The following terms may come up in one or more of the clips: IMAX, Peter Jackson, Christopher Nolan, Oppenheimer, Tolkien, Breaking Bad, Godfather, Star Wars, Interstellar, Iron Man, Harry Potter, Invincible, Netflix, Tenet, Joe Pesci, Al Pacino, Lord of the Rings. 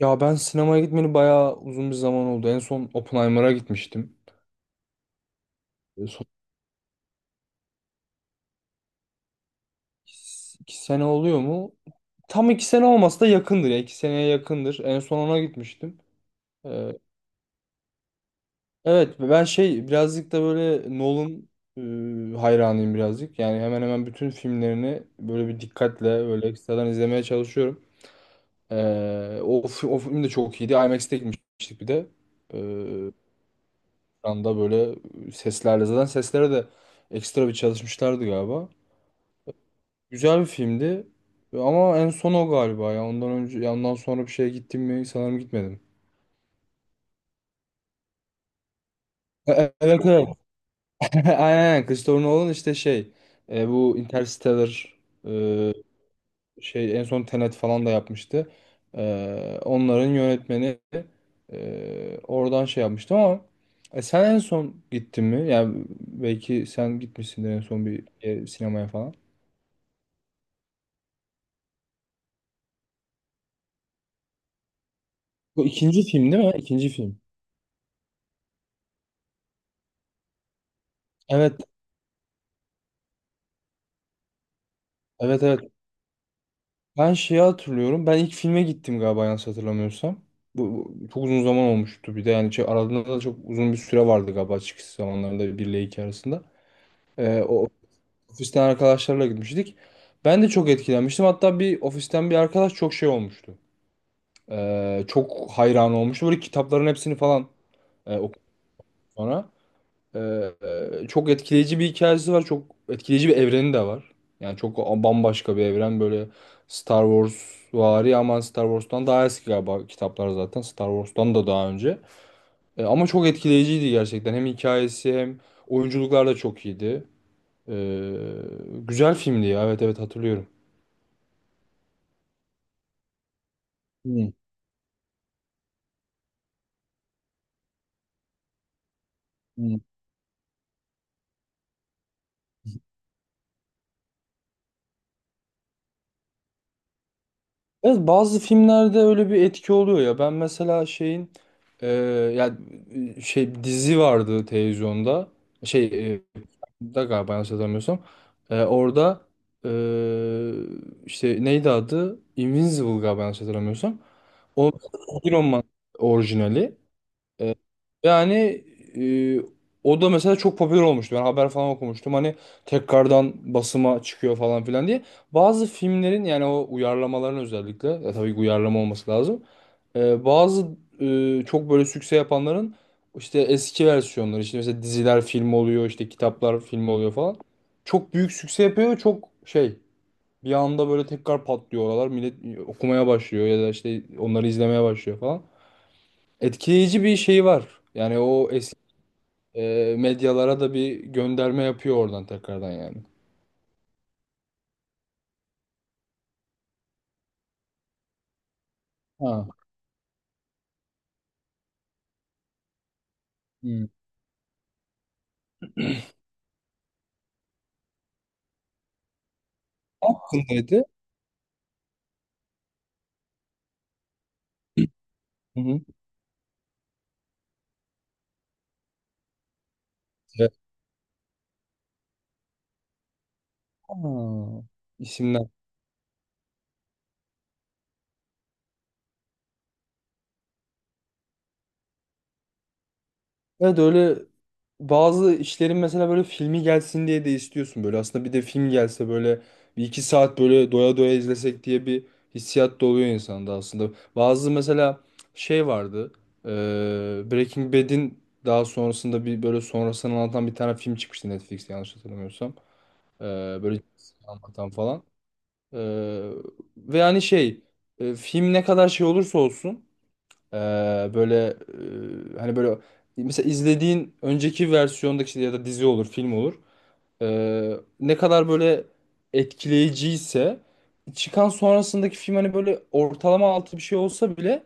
Ya ben sinemaya gitmeli bayağı uzun bir zaman oldu. En son Oppenheimer'a gitmiştim. Son iki sene oluyor mu? Tam iki sene olmasa da yakındır ya. İki seneye yakındır. En son ona gitmiştim. E, evet ben şey birazcık da böyle Nolan hayranıyım birazcık. Yani hemen hemen bütün filmlerini böyle bir dikkatle böyle ekstradan izlemeye çalışıyorum. E, O film de çok iyiydi. IMAX'te gitmiştik bir de. Ee, Şu anda böyle seslerle zaten seslere de ekstra bir çalışmışlardı galiba. Güzel bir filmdi ama en son o galiba ya ondan önce ya ondan sonra bir şeye gittim mi sanırım gitmedim. Evet evet. Aynen aynen. Christopher Nolan işte şey bu Interstellar e, şey en son Tenet falan da yapmıştı. Onların yönetmeni oradan şey yapmıştı ama sen en son gittin mi? Yani belki sen gitmişsindir en son bir sinemaya falan. Bu ikinci film değil mi? İkinci film. Evet, evet, evet. Ben şeyi hatırlıyorum. Ben ilk filme gittim galiba yanlış hatırlamıyorsam. Bu çok uzun zaman olmuştu bir de yani şey, aralarında da çok uzun bir süre vardı galiba çıkış zamanlarında 1 ile 2 arasında. O ofisten arkadaşlarla gitmiştik. Ben de çok etkilenmiştim. Hatta bir ofisten bir arkadaş çok şey olmuştu. Çok hayran olmuştu. Böyle kitapların hepsini falan okudu sonra. Çok etkileyici bir hikayesi var. Çok etkileyici bir evreni de var. Yani çok bambaşka bir evren böyle Star Wars vari ama Star Wars'tan daha eski galiba kitaplar zaten. Star Wars'tan da daha önce. Ama çok etkileyiciydi gerçekten. Hem hikayesi hem oyunculuklar da çok iyiydi. Ee, Güzel filmdi ya. Evet evet hatırlıyorum. Hmm, hmm. Evet, bazı filmlerde öyle bir etki oluyor ya. Ben mesela şeyin e, ya şey dizi vardı televizyonda. Şey da galiba yanlış hatırlamıyorsam. Orada e, işte neydi adı? Invincible galiba yanlış hatırlamıyorsam. O Iron Man orijinali. Yani e, o da mesela çok popüler olmuştu. Ben haber falan okumuştum. Hani tekrardan basıma çıkıyor falan filan diye. Bazı filmlerin yani o uyarlamaların özellikle ya tabii ki uyarlama olması lazım. Bazı çok böyle sükse yapanların işte eski versiyonları işte mesela diziler film oluyor işte kitaplar film oluyor falan. Çok büyük sükse yapıyor çok şey bir anda böyle tekrar patlıyor oralar. Millet okumaya başlıyor ya da işte onları izlemeye başlıyor falan etkileyici bir şey var. Yani o medyalara da bir gönderme yapıyor oradan tekrardan yani. Ha. Hı. Ne hakkındaydı. Hı hı. Evet. Ha, isimler. Evet öyle bazı işlerin mesela böyle filmi gelsin diye de istiyorsun böyle. Aslında bir de film gelse böyle bir iki saat böyle doya doya izlesek diye bir hissiyat da oluyor insanda aslında. Bazı mesela şey vardı. e, Breaking Bad'in daha sonrasında bir böyle sonrasını anlatan bir tane film çıkmıştı Netflix'te yanlış hatırlamıyorsam. E, Böyle anlatan falan. Ee, Ve hani şey film ne kadar şey olursa olsun e, böyle hani böyle mesela izlediğin önceki versiyondaki şey ya da dizi olur film olur. E, Ne kadar böyle etkileyiciyse çıkan sonrasındaki film hani böyle ortalama altı bir şey olsa bile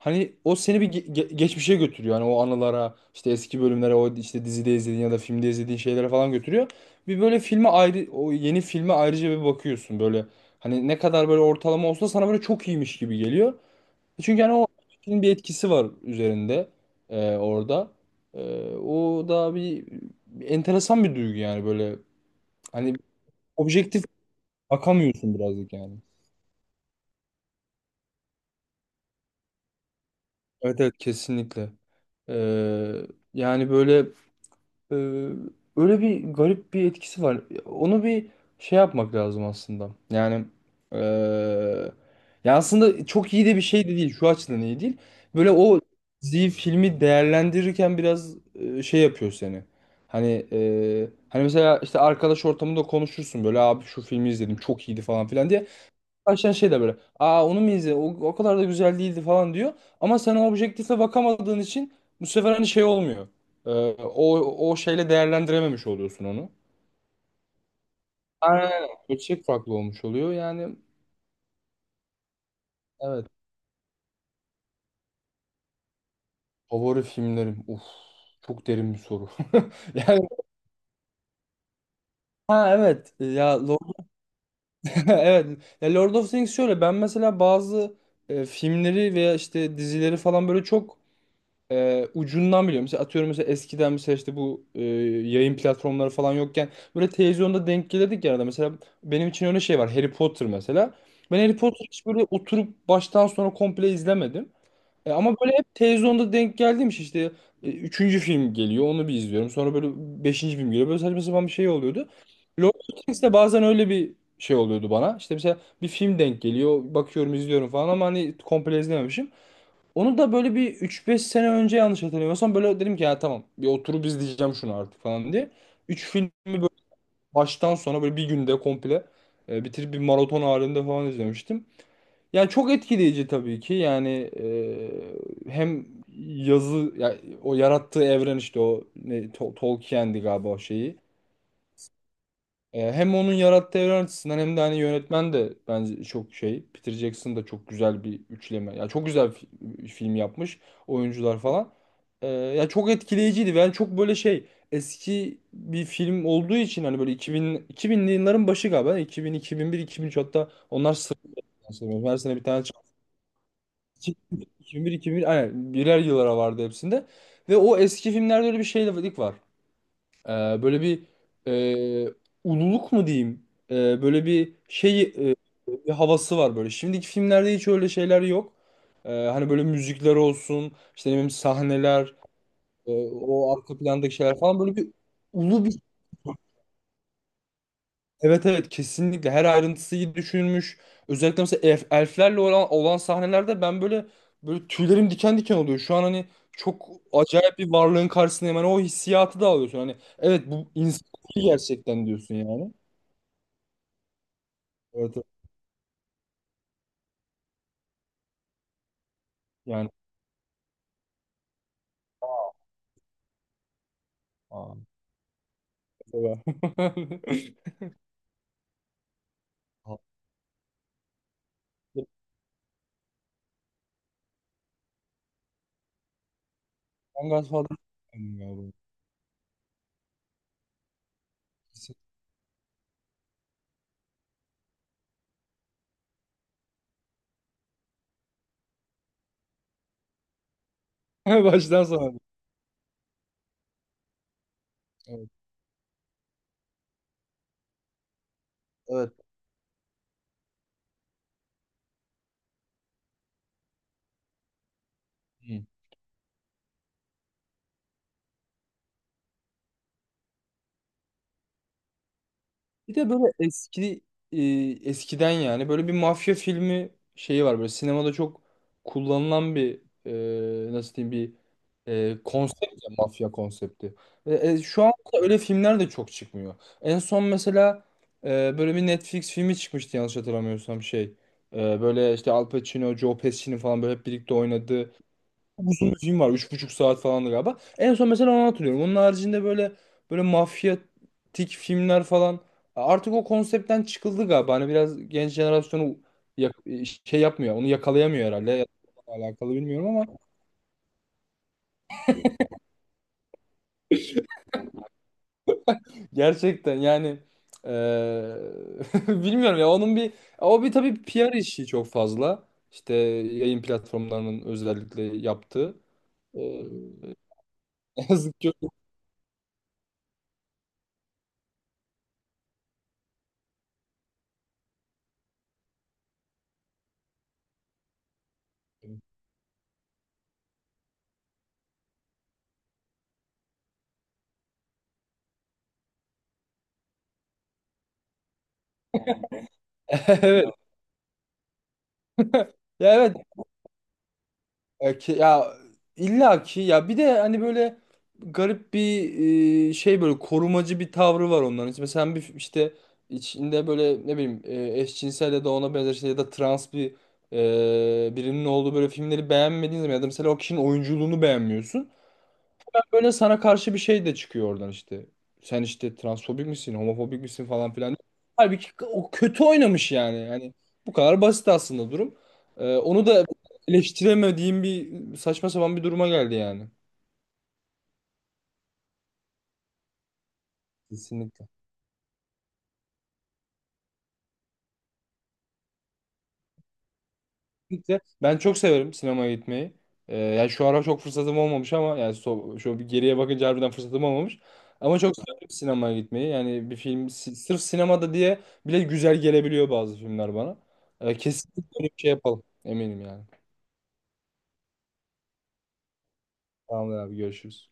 hani o seni bir geçmişe götürüyor. Hani o anılara, işte eski bölümlere, o işte dizide izlediğin ya da filmde izlediğin şeylere falan götürüyor. Bir böyle filme ayrı, o yeni filme ayrıca bir bakıyorsun böyle. Hani ne kadar böyle ortalama olsa sana böyle çok iyiymiş gibi geliyor. Çünkü hani o filmin bir etkisi var üzerinde orada. O da bir enteresan bir duygu yani böyle. Hani objektif bakamıyorsun birazcık yani. Evet evet kesinlikle. E, Yani böyle Ee, öyle bir garip bir etkisi var. Onu bir şey yapmak lazım aslında. Yani ee, ya aslında çok iyi de bir şey de değil. Şu açıdan iyi değil. Böyle o diziyi, filmi değerlendirirken biraz şey yapıyor seni. Hani hani mesela işte arkadaş ortamında konuşursun böyle abi şu filmi izledim çok iyiydi falan filan diye başlayan şey de böyle. Aa onu mu izledin? O kadar da güzel değildi falan diyor. Ama sen o objektife bakamadığın için bu sefer hani şey olmuyor. Ee, o, o şeyle değerlendirememiş oluyorsun onu. Aynen. Öyle. Ölçek farklı olmuş oluyor. Yani evet. Favori filmlerim. Uf. Çok derin bir soru. Yani ha evet. Ya Lord, evet. Ya Lord of the Rings şöyle. Ben mesela bazı filmleri veya işte dizileri falan böyle çok ucundan biliyorum. Mesela atıyorum mesela eskiden mesela işte bu yayın platformları falan yokken böyle televizyonda denk gelirdik ya arada. Mesela benim için öyle şey var. Harry Potter mesela. Ben Harry Potter hiç böyle oturup baştan sona komple izlemedim. Ama böyle hep televizyonda denk geldiğim şey işte üçüncü film geliyor onu bir izliyorum. Sonra böyle beşinci film geliyor. Böyle saçma sapan bir şey oluyordu. Lord of the Rings de bazen öyle bir şey oluyordu bana. İşte mesela bir film denk geliyor. Bakıyorum izliyorum falan ama hani komple izlememişim. Onu da böyle bir üç beş sene önce yanlış hatırlamıyorsam böyle dedim ki ya tamam bir oturup izleyeceğim şunu artık falan diye. Üç filmi böyle baştan sona böyle bir günde komple bitirip bir maraton halinde falan izlemiştim. Yani çok etkileyici tabii ki yani hem yazı ya, o yarattığı evren işte o ne, Tolkien'di galiba o şeyi hem onun yarattığı evren açısından hem de hani yönetmen de bence çok şey. Peter Jackson da çok güzel bir üçleme. Ya çok güzel film yapmış. Oyuncular falan. Ya çok etkileyiciydi. Yani çok böyle şey eski bir film olduğu için hani böyle 2000 2000'li yılların başı galiba. 2000, 2001, 2003 hatta onlar sıralanan sanırım. Her sene bir tane çıktı. 2001, 2001 aynen birer yıllara vardı hepsinde. Ve o eski filmlerde öyle bir şeylik var. Ee, Böyle bir e, ululuk mu diyeyim? Böyle bir şey bir havası var böyle. Şimdiki filmlerde hiç öyle şeyler yok. Hani böyle müzikler olsun, işte ne bileyim sahneler, o arka plandaki şeyler falan böyle bir ulu bir. Evet evet kesinlikle her ayrıntısı iyi düşünülmüş. Özellikle mesela elflerle olan sahnelerde ben böyle böyle tüylerim diken diken oluyor. Şu an hani çok acayip bir varlığın karşısında hemen o hissiyatı da alıyorsun. Hani evet bu insan gerçekten diyorsun yani. Evet evet. Yani. Aa, mesela. Ben Godfather'ı sevmedim ya bu. Baştan sona. Evet. Evet. Bir de böyle eski e, eskiden yani böyle bir mafya filmi şeyi var böyle sinemada çok kullanılan bir nasıl diyeyim bir konsept ya, mafya konsepti. Şu an öyle filmler de çok çıkmıyor. En son mesela e, böyle bir Netflix filmi çıkmıştı yanlış hatırlamıyorsam şey. Böyle işte Al Pacino, Joe Pesci falan böyle hep birlikte oynadı. Çok uzun bir film var. 3,5 saat falandı galiba. En son mesela onu hatırlıyorum. Onun haricinde böyle böyle mafyatik filmler falan. Artık o konseptten çıkıldı galiba. Hani biraz genç jenerasyonu yak- şey yapmıyor. Onu yakalayamıyor herhalde. Ya da alakalı bilmiyorum ama gerçekten yani eee, bilmiyorum ya onun bir o bir tabii PR işi çok fazla. İşte yayın platformlarının özellikle yaptığı. Eee, Ne yazık ki. Evet. Ya evet. Ya illa ki ya bir de hani böyle garip bir şey böyle korumacı bir tavrı var onların. İşte mesela bir işte içinde böyle ne bileyim eşcinsel ya da ona benzer şey ya da trans bir birinin olduğu böyle filmleri beğenmediğin zaman ya da mesela o kişinin oyunculuğunu beğenmiyorsun. Böyle sana karşı bir şey de çıkıyor oradan işte. Sen işte transfobik misin, homofobik misin falan filan. Halbuki o kötü oynamış yani. Yani bu kadar basit aslında durum. Onu da eleştiremediğim bir saçma sapan bir duruma geldi yani. Kesinlikle. Kesinlikle. Ben çok severim sinemaya gitmeyi. Yani şu ara çok fırsatım olmamış ama yani şu bir geriye bakınca harbiden fırsatım olmamış. Ama çok severim sinemaya gitmeyi. Yani bir film sırf sinemada diye bile güzel gelebiliyor bazı filmler bana. Kesinlikle öyle bir şey yapalım. Eminim yani. Tamamdır abi görüşürüz.